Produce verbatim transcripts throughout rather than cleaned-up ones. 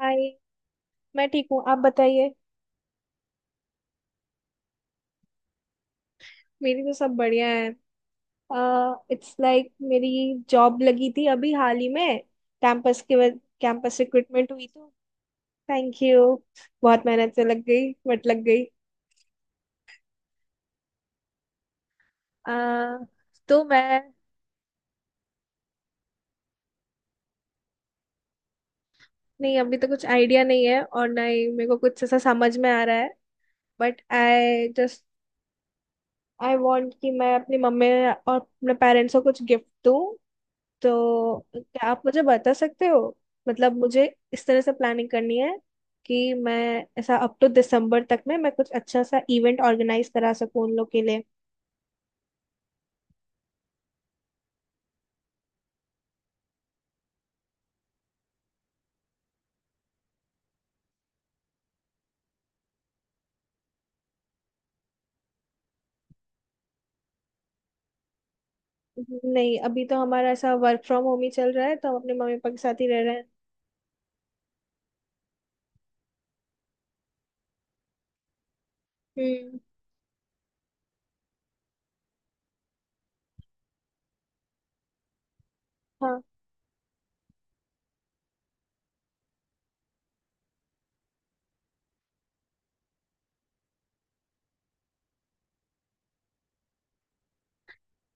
हाय। मैं ठीक हूँ, आप बताइए। मेरी तो सब बढ़िया है। इट्स लाइक like मेरी जॉब लगी थी अभी हाल ही में। कैंपस के वज- कैंपस रिक्रूटमेंट हुई तो। Thank you. बहुत मेहनत से लग गई बट लग गई। अह तो मैं नहीं, अभी तो कुछ आइडिया नहीं है और ना ही मेरे को कुछ ऐसा समझ में आ रहा है। But I just I want कि मैं अपनी मम्मी और अपने पेरेंट्स को कुछ गिफ्ट दूँ। तो क्या आप मुझे बता सकते हो? मतलब मुझे इस तरह से प्लानिंग करनी है कि मैं ऐसा अप टू दिसंबर तक में मैं कुछ अच्छा सा इवेंट ऑर्गेनाइज करा सकूं उन लोग के लिए। नहीं, अभी तो हमारा ऐसा वर्क फ्रॉम होम ही चल रहा है तो हम अपने मम्मी पापा के साथ ही रह रहे हैं। हम्म। हाँ।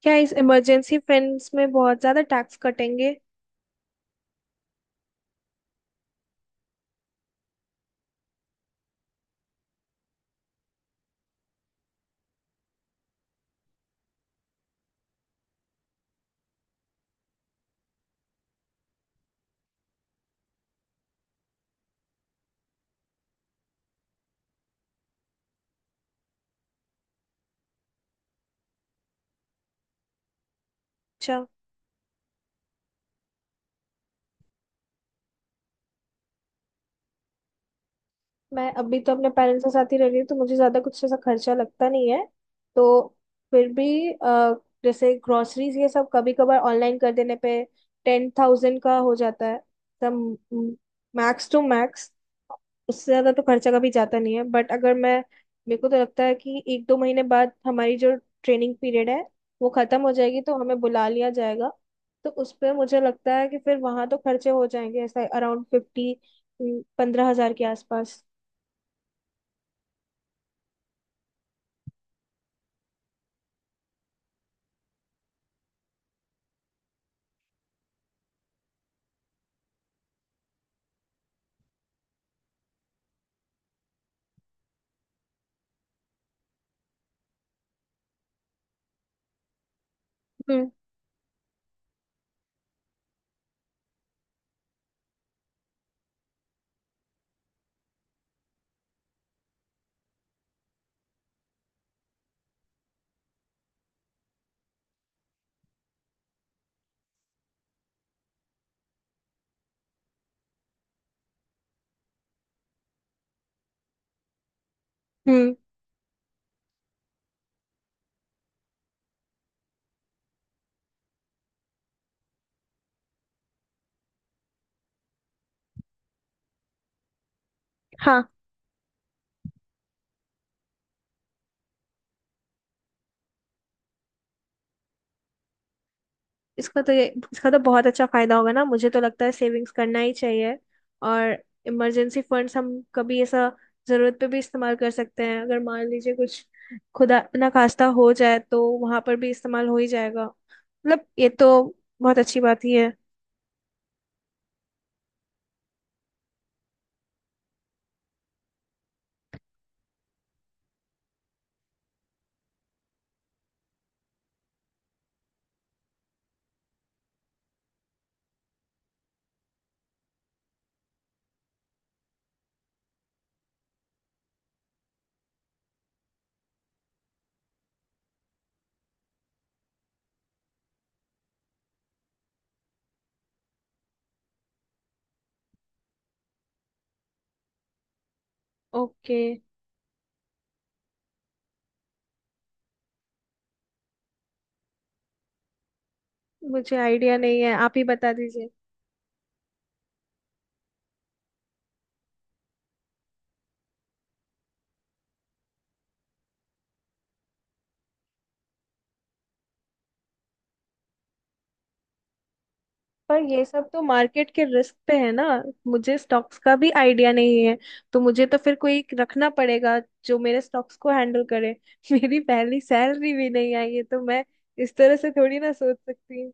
क्या इस इमरजेंसी फंड्स में बहुत ज्यादा टैक्स कटेंगे? अच्छा। मैं अभी तो अपने पेरेंट्स के साथ ही रह रही हूँ तो मुझे ज्यादा कुछ ऐसा खर्चा लगता नहीं है। तो फिर भी अ, जैसे ग्रोसरीज ये सब कभी कभार ऑनलाइन कर देने पे टेन थाउजेंड का हो जाता है। तब, मैक्स टू मैक्स, उससे ज्यादा तो खर्चा कभी जाता नहीं है। बट अगर मैं मेरे को तो लगता है कि एक दो महीने बाद हमारी जो ट्रेनिंग पीरियड है वो खत्म हो जाएगी तो हमें बुला लिया जाएगा। तो उस पर मुझे लगता है कि फिर वहां तो खर्चे हो जाएंगे, ऐसा अराउंड फिफ्टी पंद्रह हजार के आसपास। हम्म। हम्म। हाँ। इसका तो ये इसका तो बहुत अच्छा फायदा होगा ना, मुझे तो लगता है सेविंग्स करना ही चाहिए। और इमरजेंसी फंड्स हम कभी ऐसा जरूरत पे भी इस्तेमाल कर सकते हैं अगर मान लीजिए कुछ खुदा ना खास्ता हो जाए तो वहां पर भी इस्तेमाल हो ही जाएगा। मतलब ये तो बहुत अच्छी बात ही है। ओके। मुझे आइडिया नहीं है, आप ही बता दीजिए। पर ये सब तो मार्केट के रिस्क पे है ना? मुझे स्टॉक्स का भी आइडिया नहीं है। तो मुझे तो फिर कोई रखना पड़ेगा जो मेरे स्टॉक्स को हैंडल करे। मेरी पहली सैलरी भी नहीं आई है तो मैं इस तरह से थोड़ी ना सोच सकती हूँ।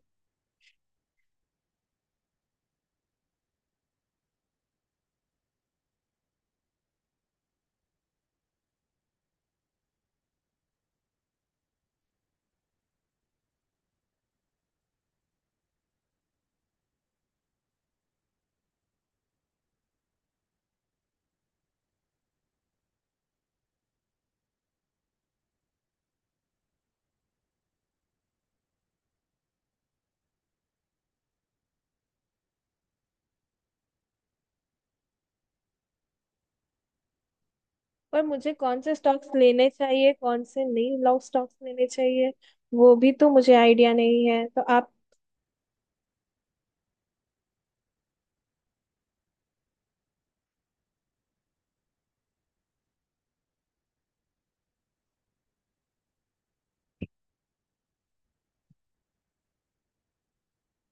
पर मुझे कौन से स्टॉक्स लेने चाहिए कौन से नहीं, लॉन्ग स्टॉक्स लेने चाहिए, वो भी तो मुझे आइडिया नहीं है तो आप।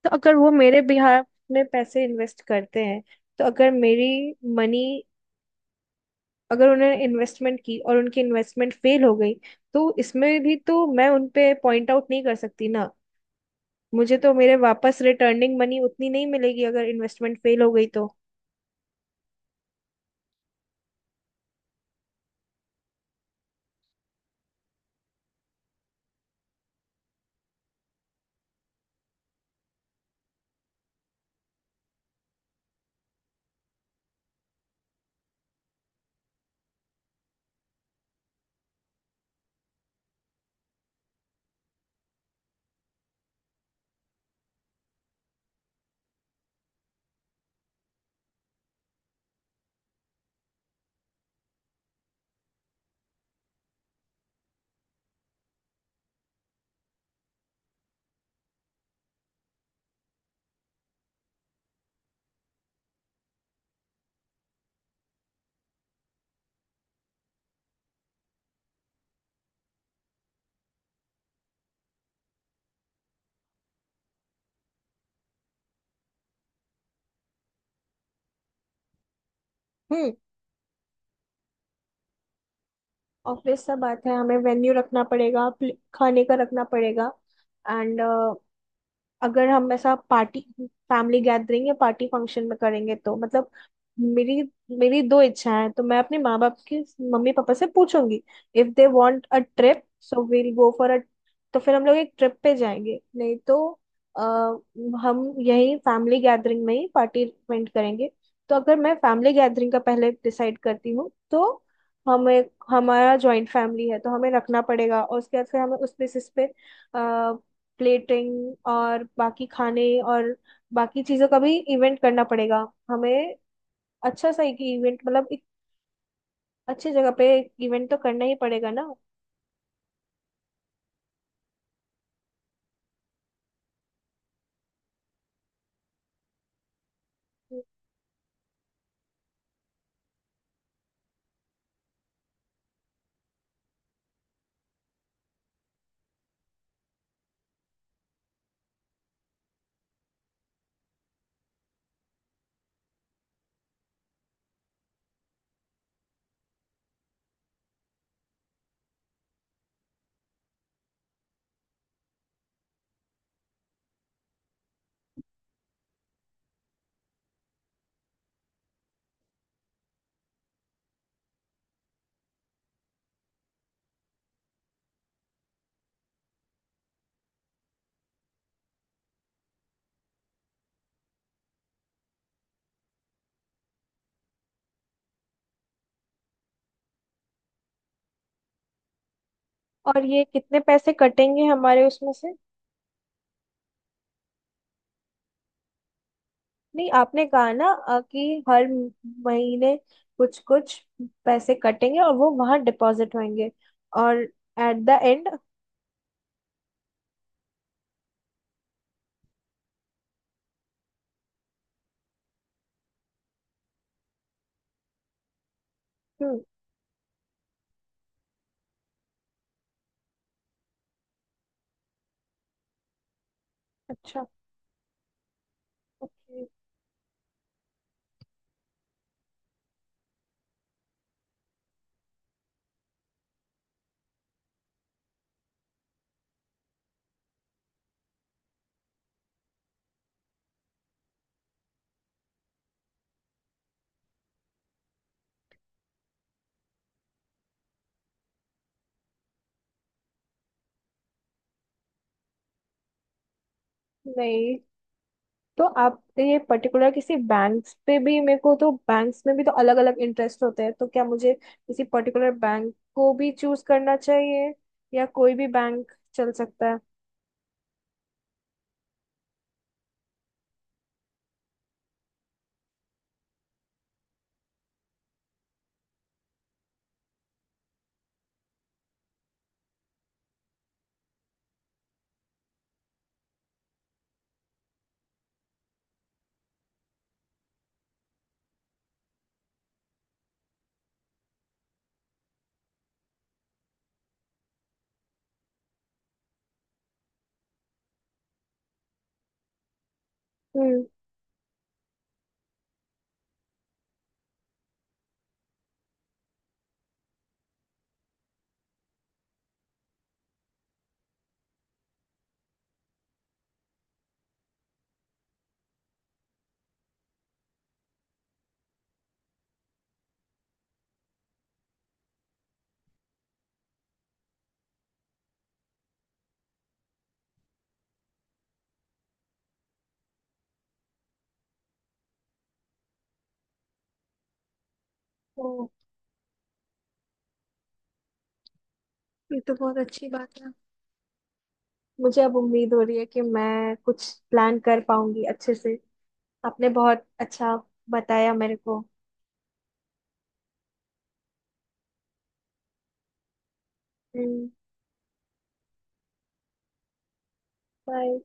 तो अगर वो मेरे बिहार में पैसे इन्वेस्ट करते हैं तो अगर मेरी मनी अगर उन्होंने इन्वेस्टमेंट की और उनकी इन्वेस्टमेंट फेल हो गई तो इसमें भी तो मैं उन पे पॉइंट आउट नहीं कर सकती ना। मुझे तो मेरे वापस रिटर्निंग मनी उतनी नहीं मिलेगी अगर इन्वेस्टमेंट फेल हो गई तो। हम्म। ऑब्वियस सा बात है, हमें वेन्यू रखना पड़ेगा, प्ले- खाने का रखना पड़ेगा। एंड अगर हम ऐसा पार्टी फैमिली गैदरिंग या पार्टी फंक्शन में करेंगे तो मतलब मेरी मेरी दो इच्छाएं हैं तो मैं अपने माँ बाप की मम्मी पापा से पूछूंगी। If they want a trip so we'll go for a, तो फिर हम लोग एक ट्रिप पे जाएंगे, नहीं तो आ, हम यही फैमिली गैदरिंग में ही पार्टी अरेंज करेंगे। तो अगर मैं फैमिली गैदरिंग का पहले डिसाइड करती हूँ तो हमें हमारा जॉइंट फैमिली है तो हमें रखना पड़ेगा और उसके बाद फिर हमें उस बेसिस पे प्लेटिंग और बाकी खाने और बाकी चीजों का भी इवेंट करना पड़ेगा हमें। अच्छा सा एक इवेंट, मतलब एक अच्छी जगह पे एक इवेंट तो करना ही पड़ेगा ना। और ये कितने पैसे कटेंगे हमारे उसमें से? नहीं, आपने कहा ना अ, कि हर म- महीने कुछ कुछ पैसे कटेंगे और वो वहां डिपॉजिट होंगे और एट द एंड। हम्म। अच्छा। okay। नहीं तो आप ये पर्टिकुलर किसी बैंक्स पे भी, मेरे को तो बैंक्स में भी तो अलग अलग इंटरेस्ट होते हैं, तो क्या मुझे किसी पर्टिकुलर बैंक को भी चूज करना चाहिए या कोई भी बैंक चल सकता है? हम्म। ओ। ये तो बहुत अच्छी बात है। मुझे अब उम्मीद हो रही है कि मैं कुछ प्लान कर पाऊंगी अच्छे से। आपने बहुत अच्छा बताया मेरे को। हम्म। बाय।